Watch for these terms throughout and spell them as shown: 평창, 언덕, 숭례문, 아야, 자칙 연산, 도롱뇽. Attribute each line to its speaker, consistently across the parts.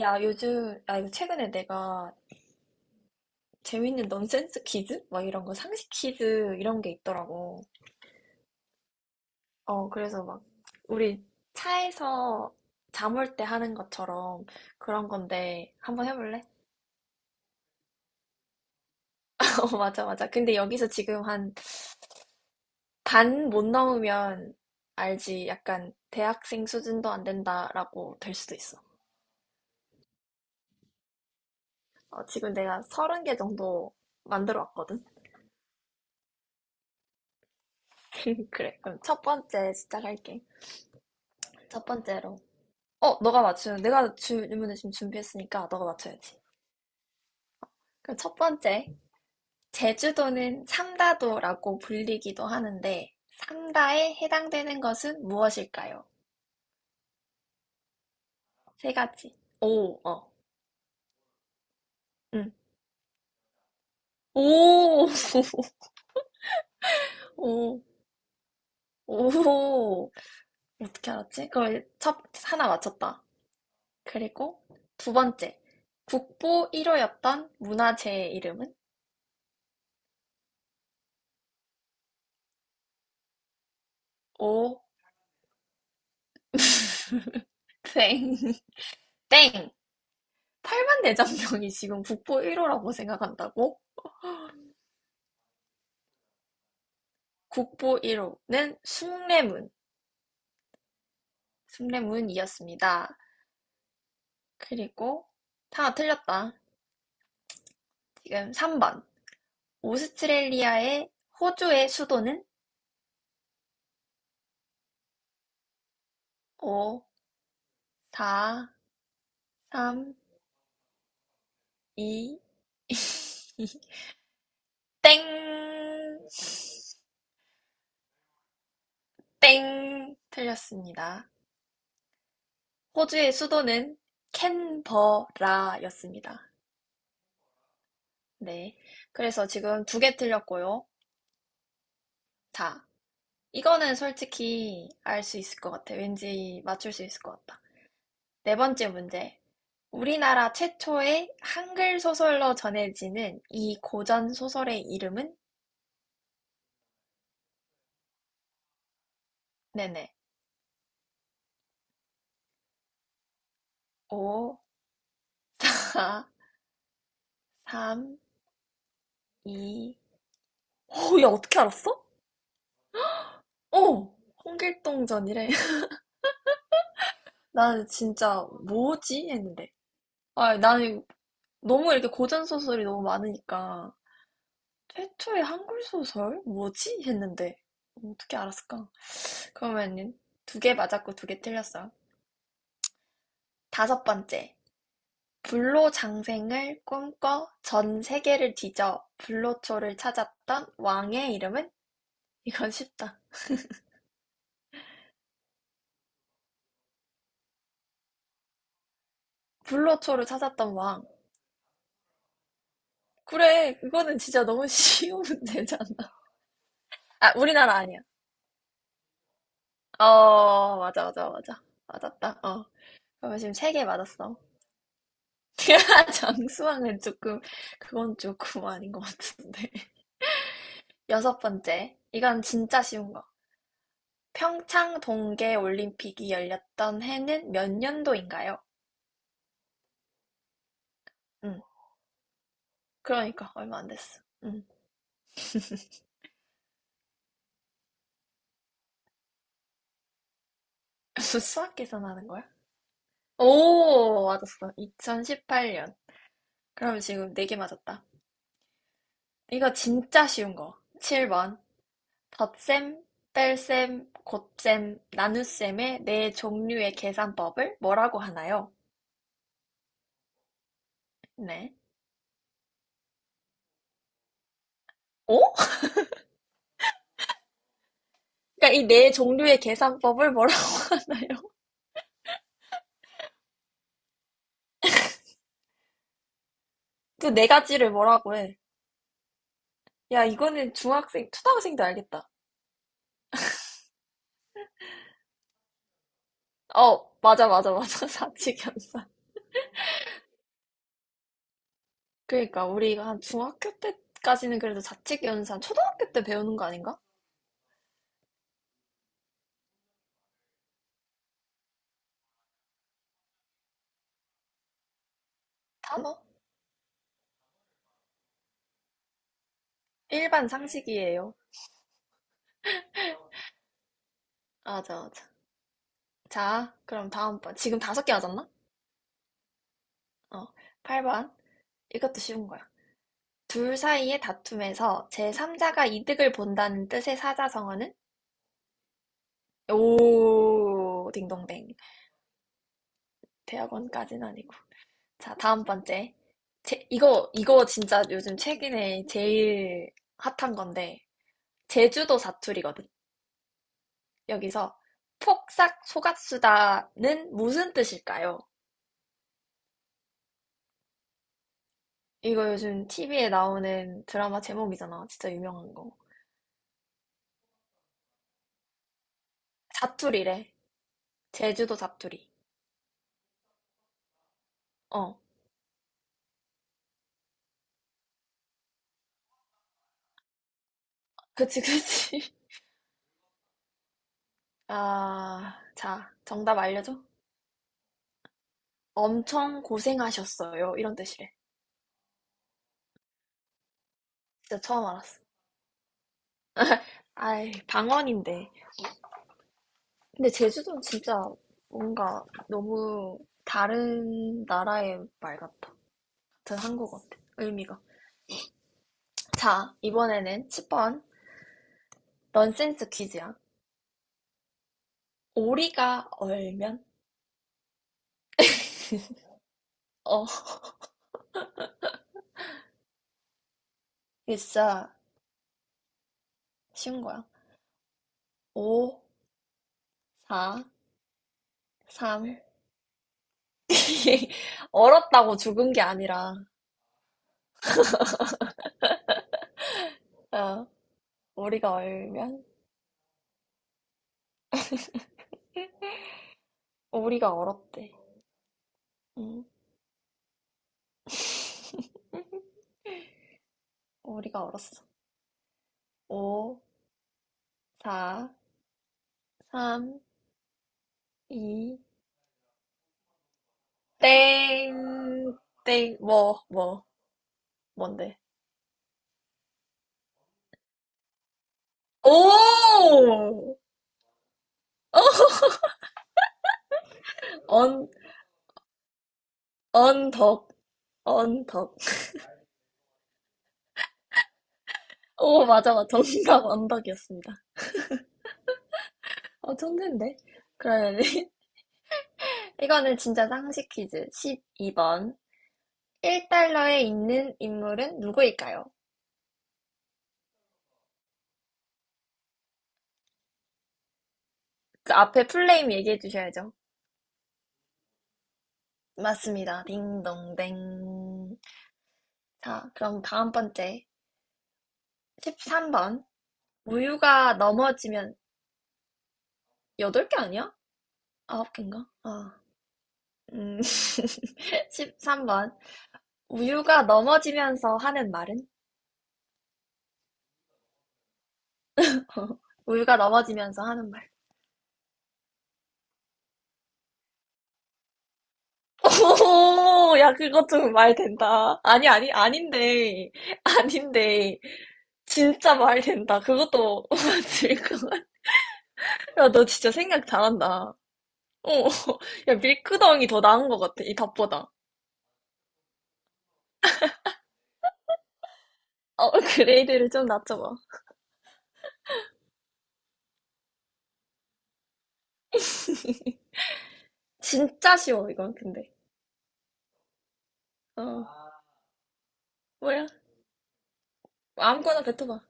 Speaker 1: 야, 요즘, 아, 이거 최근에 내가 재밌는 넌센스 퀴즈? 막 이런 거, 상식 퀴즈 이런 게 있더라고. 어, 그래서 막, 우리 차에서 잠올 때 하는 것처럼 그런 건데, 한번 해볼래? 어, 맞아, 맞아. 근데 여기서 지금 한 반 못 넘으면 알지. 약간 대학생 수준도 안 된다라고 될 수도 있어. 어, 지금 내가 30개 정도 만들어 왔거든? 그래, 그럼 첫 번째 시작할게. 첫 번째로. 어, 너가 맞추는, 내가 질문을 지금 준비했으니까 너가 맞춰야지. 그럼 첫 번째, 제주도는 삼다도라고 불리기도 하는데, 삼다에 해당되는 것은 무엇일까요? 3가지. 오, 어, 응. 오, 오, 오. 어떻게 알았지? 그걸 하나 맞췄다. 그리고 두 번째, 국보 1호였던 문화재의 이름은? 오, 땡, 땡. 팔만 내천병이 지금 국보 1호라고 생각한다고? 국보 1호는 숭례문이었습니다. 그리고 하나 틀렸다. 지금 3번. 오스트레일리아의 호주의 수도는 5, 4, 3, 이 2. 땡! 땡! 틀렸습니다. 호주의 수도는 캔버라였습니다. 네. 그래서 지금 2개 틀렸고요. 자, 이거는 솔직히 알 수 있을 것 같아. 왠지 맞출 수 있을 것 같다. 네 번째 문제. 우리나라 최초의 한글 소설로 전해지는 이 고전 소설의 이름은? 네네. 5, 4, 3, 2. 오, 야, 어떻게 알았어? 어, 홍길동전이래. 나는 진짜 뭐지? 했는데. 아, 나는 너무 이렇게 고전 소설이 너무 많으니까. 최초의 한글 소설? 뭐지? 했는데. 어떻게 알았을까? 그러면은 2개 맞았고 2개 틀렸어. 다섯 번째. 불로장생을 꿈꿔 전 세계를 뒤져 불로초를 찾았던 왕의 이름은? 이건 쉽다. 불로초를 찾았던 왕. 그래, 그거는 진짜 너무 쉬운 문제잖아. 아, 우리나라 아니야. 어, 맞아, 맞아, 맞아. 맞았다. 어. 그러면 지금 3개 맞았어. 장수왕은 조금, 그건 조금 아닌 것 같은데. 여섯 번째. 이건 진짜 쉬운 거. 평창 동계 올림픽이 열렸던 해는 몇 년도인가요? 응. 그러니까 얼마 안 됐어. 응. 수학 계산하는 거야? 오, 맞았어. 2018년. 그럼 지금 4개 맞았다. 이거 진짜 쉬운 거. 7번. 덧셈, 뺄셈, 곱셈, 나눗셈의 네 종류의 계산법을 뭐라고 하나요? 네. 어? 그러니까 이 네 종류의 계산법을 뭐라고 하나요? 그 네 가지를 뭐라고 해? 야, 이거는 중학생, 초등학생도 알겠다. 어, 맞아, 맞아, 맞아. 자칙 연산. 그러니까 우리가 한 중학교 때까지는 그래도 자칙 연산, 초등학교 때 배우는 거 아닌가? 단어? 일반 상식이에요. 맞아, 맞아. 자, 그럼 다음 번. 지금 5개 맞았나? 어, 8번. 이것도 쉬운 거야. 둘 사이의 다툼에서 제3자가 이득을 본다는 뜻의 사자성어는? 오, 딩동댕. 대학원까지는 아니고. 자, 다음 번째. 이거 진짜 요즘 최근에 제일 핫한 건데. 제주도 사투리거든. 여기서 폭삭 속았수다는 무슨 뜻일까요? 이거 요즘 TV에 나오는 드라마 제목이잖아. 진짜 유명한 거. 사투리래. 제주도 사투리. 어. 그치, 그치. 아, 자, 정답 알려줘. 엄청 고생하셨어요. 이런 뜻이래. 진짜 처음 알았어. 아이, 방언인데. 근데 제주도는 진짜 뭔가 너무 다른 나라의 말 같아. 같은 한국어 같아. 의미가. 자, 이번에는 1번 넌센스 퀴즈야. 오리가 얼면? 어, 이게 진짜 쉬운 거야. 5, 4, 3. 얼었다고 죽은 게 아니라, 어, 오리가 얼면? 오리가 얼었대. 응. 오리가 얼었어. 5, 4, 3, 2, 땡, 땡, 뭔데? 오! 어! 언, 언덕, 언덕. 오, 맞아, 맞아. 정답 언덕이었습니다. 어, 천재인데? 그러면 이거는 진짜 상식 퀴즈. 12번. 1달러에 있는 인물은 누구일까요? 그 앞에 풀네임 얘기해 주셔야죠. 맞습니다. 딩동댕. 자, 그럼 다음 번째. 13번. 우유가 넘어지면 8개 아니야? 9개인가? 아, 음. 13번. 우유가 넘어지면서 하는 말은? 우유가 넘어지면서 하는 말. 오, 야, 그것 좀 말 된다. 아니, 아니, 아닌데. 아닌데. 진짜 말 된다. 그것도 맞을 것 같아. 야, 너 진짜 생각 잘한다. 어, 야, 밀크덩이 더 나은 것 같아. 이 답보다. 어, 그레이드를 좀 낮춰봐. 진짜 쉬워, 이건, 근데. 어, 뭐야? 아무거나 뱉어봐.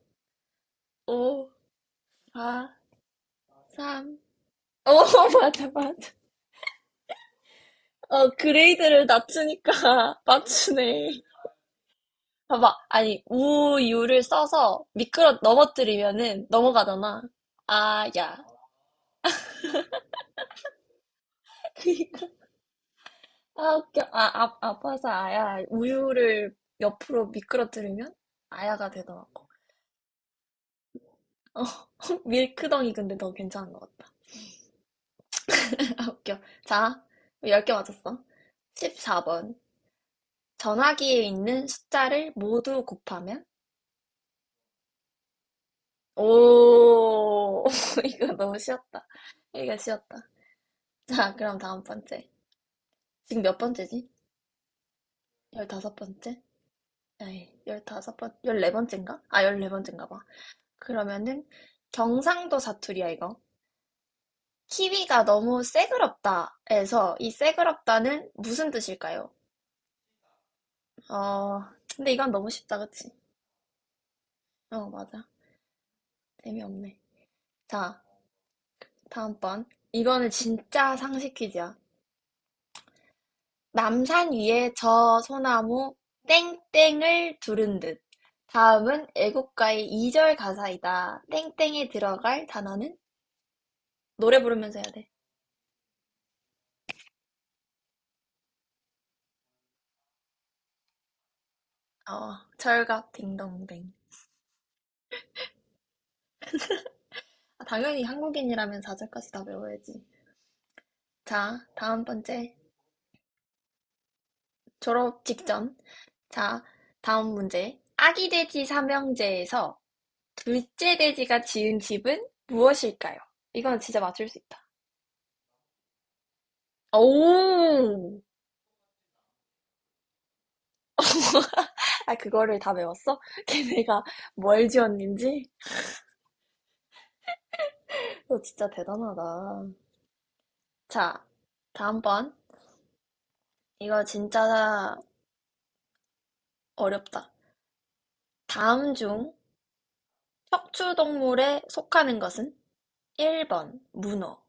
Speaker 1: 5, 4, 삼오 맞아, 맞아. 어, 그레이드를 낮추니까 맞추네. 봐봐. 아니, 우유를 써서 넘어뜨리면은 넘어가잖아. 아, 야. 아, 웃겨. 아, 아, 아파서 아야. 우유를 옆으로 미끄러뜨리면 아야가 되더라고. 어, 밀크덩이 근데 너 괜찮은 것 같다. 아, 웃겨. 자, 10개 맞았어. 14번. 전화기에 있는 숫자를 모두 곱하면? 오, 이거 너무 쉬웠다. 이거 쉬웠다. 자, 그럼 다음 번째. 지금 몇 번째지? 15번째? 아니, 15번, 열네 번째인가? 아, 열네 번째인가 봐. 그러면은 경상도 사투리야, 이거. 키위가 너무 새그럽다에서 이 새그럽다는 무슨 뜻일까요? 어, 근데 이건 너무 쉽다, 그치? 어, 맞아. 재미없네. 자, 다음번. 이거는 진짜 상식 퀴즈야. 남산 위에 저 소나무 땡땡을 두른 듯. 다음은 애국가의 2절 가사이다. 땡땡에 들어갈 단어는? 노래 부르면서 해야 돼. 어, 철갑 딩동댕. 아, 당연히 한국인이라면 4절까지 다 외워야지. 자, 다음 번째. 졸업 직전. 자, 다음 문제. 아기 돼지 삼형제에서 둘째 돼지가 지은 집은 무엇일까요? 이건 진짜 맞출 수 있다. 오! 아, 그거를 다 외웠어? 걔네가 뭘 지었는지? 너 진짜 대단하다. 자, 다음번. 이거 진짜 어렵다. 다음 중 척추동물에 속하는 것은 일 번 문어,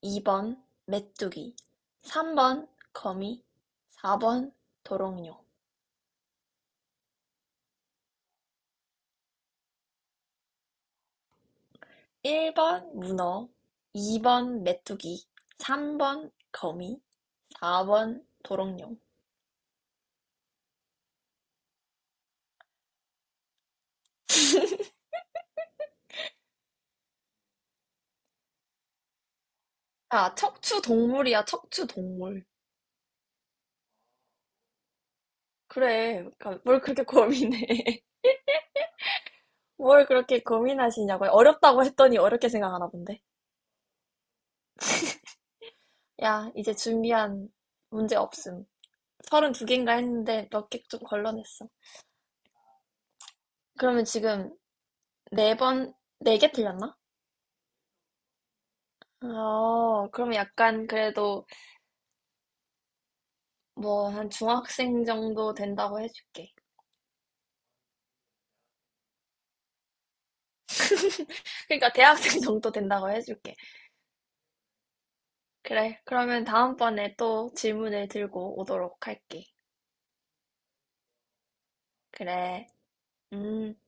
Speaker 1: 이 번 메뚜기, 삼 번 거미, 사 번 도롱뇽. 일 번 문어, 이 번 메뚜기, 삼 번 거미, 사 번 도롱뇽. 아, 척추동물이야, 척추동물. 그래, 그러니까 뭘 그렇게 고민해. 뭘 그렇게 고민하시냐고요. 어렵다고 했더니 어렵게 생각하나 본데. 야, 이제 준비한 문제 없음. 32 개인가 했는데 몇 개 좀 걸러냈어. 그러면 지금 네 번, 네 개 틀렸나? 어, 그러면 약간 그래도 뭐 한 중학생 정도 된다고 해줄게. 그러니까 대학생 정도 된다고 해줄게. 그래. 그러면 다음번에 또 질문을 들고 오도록 할게. 그래. 음.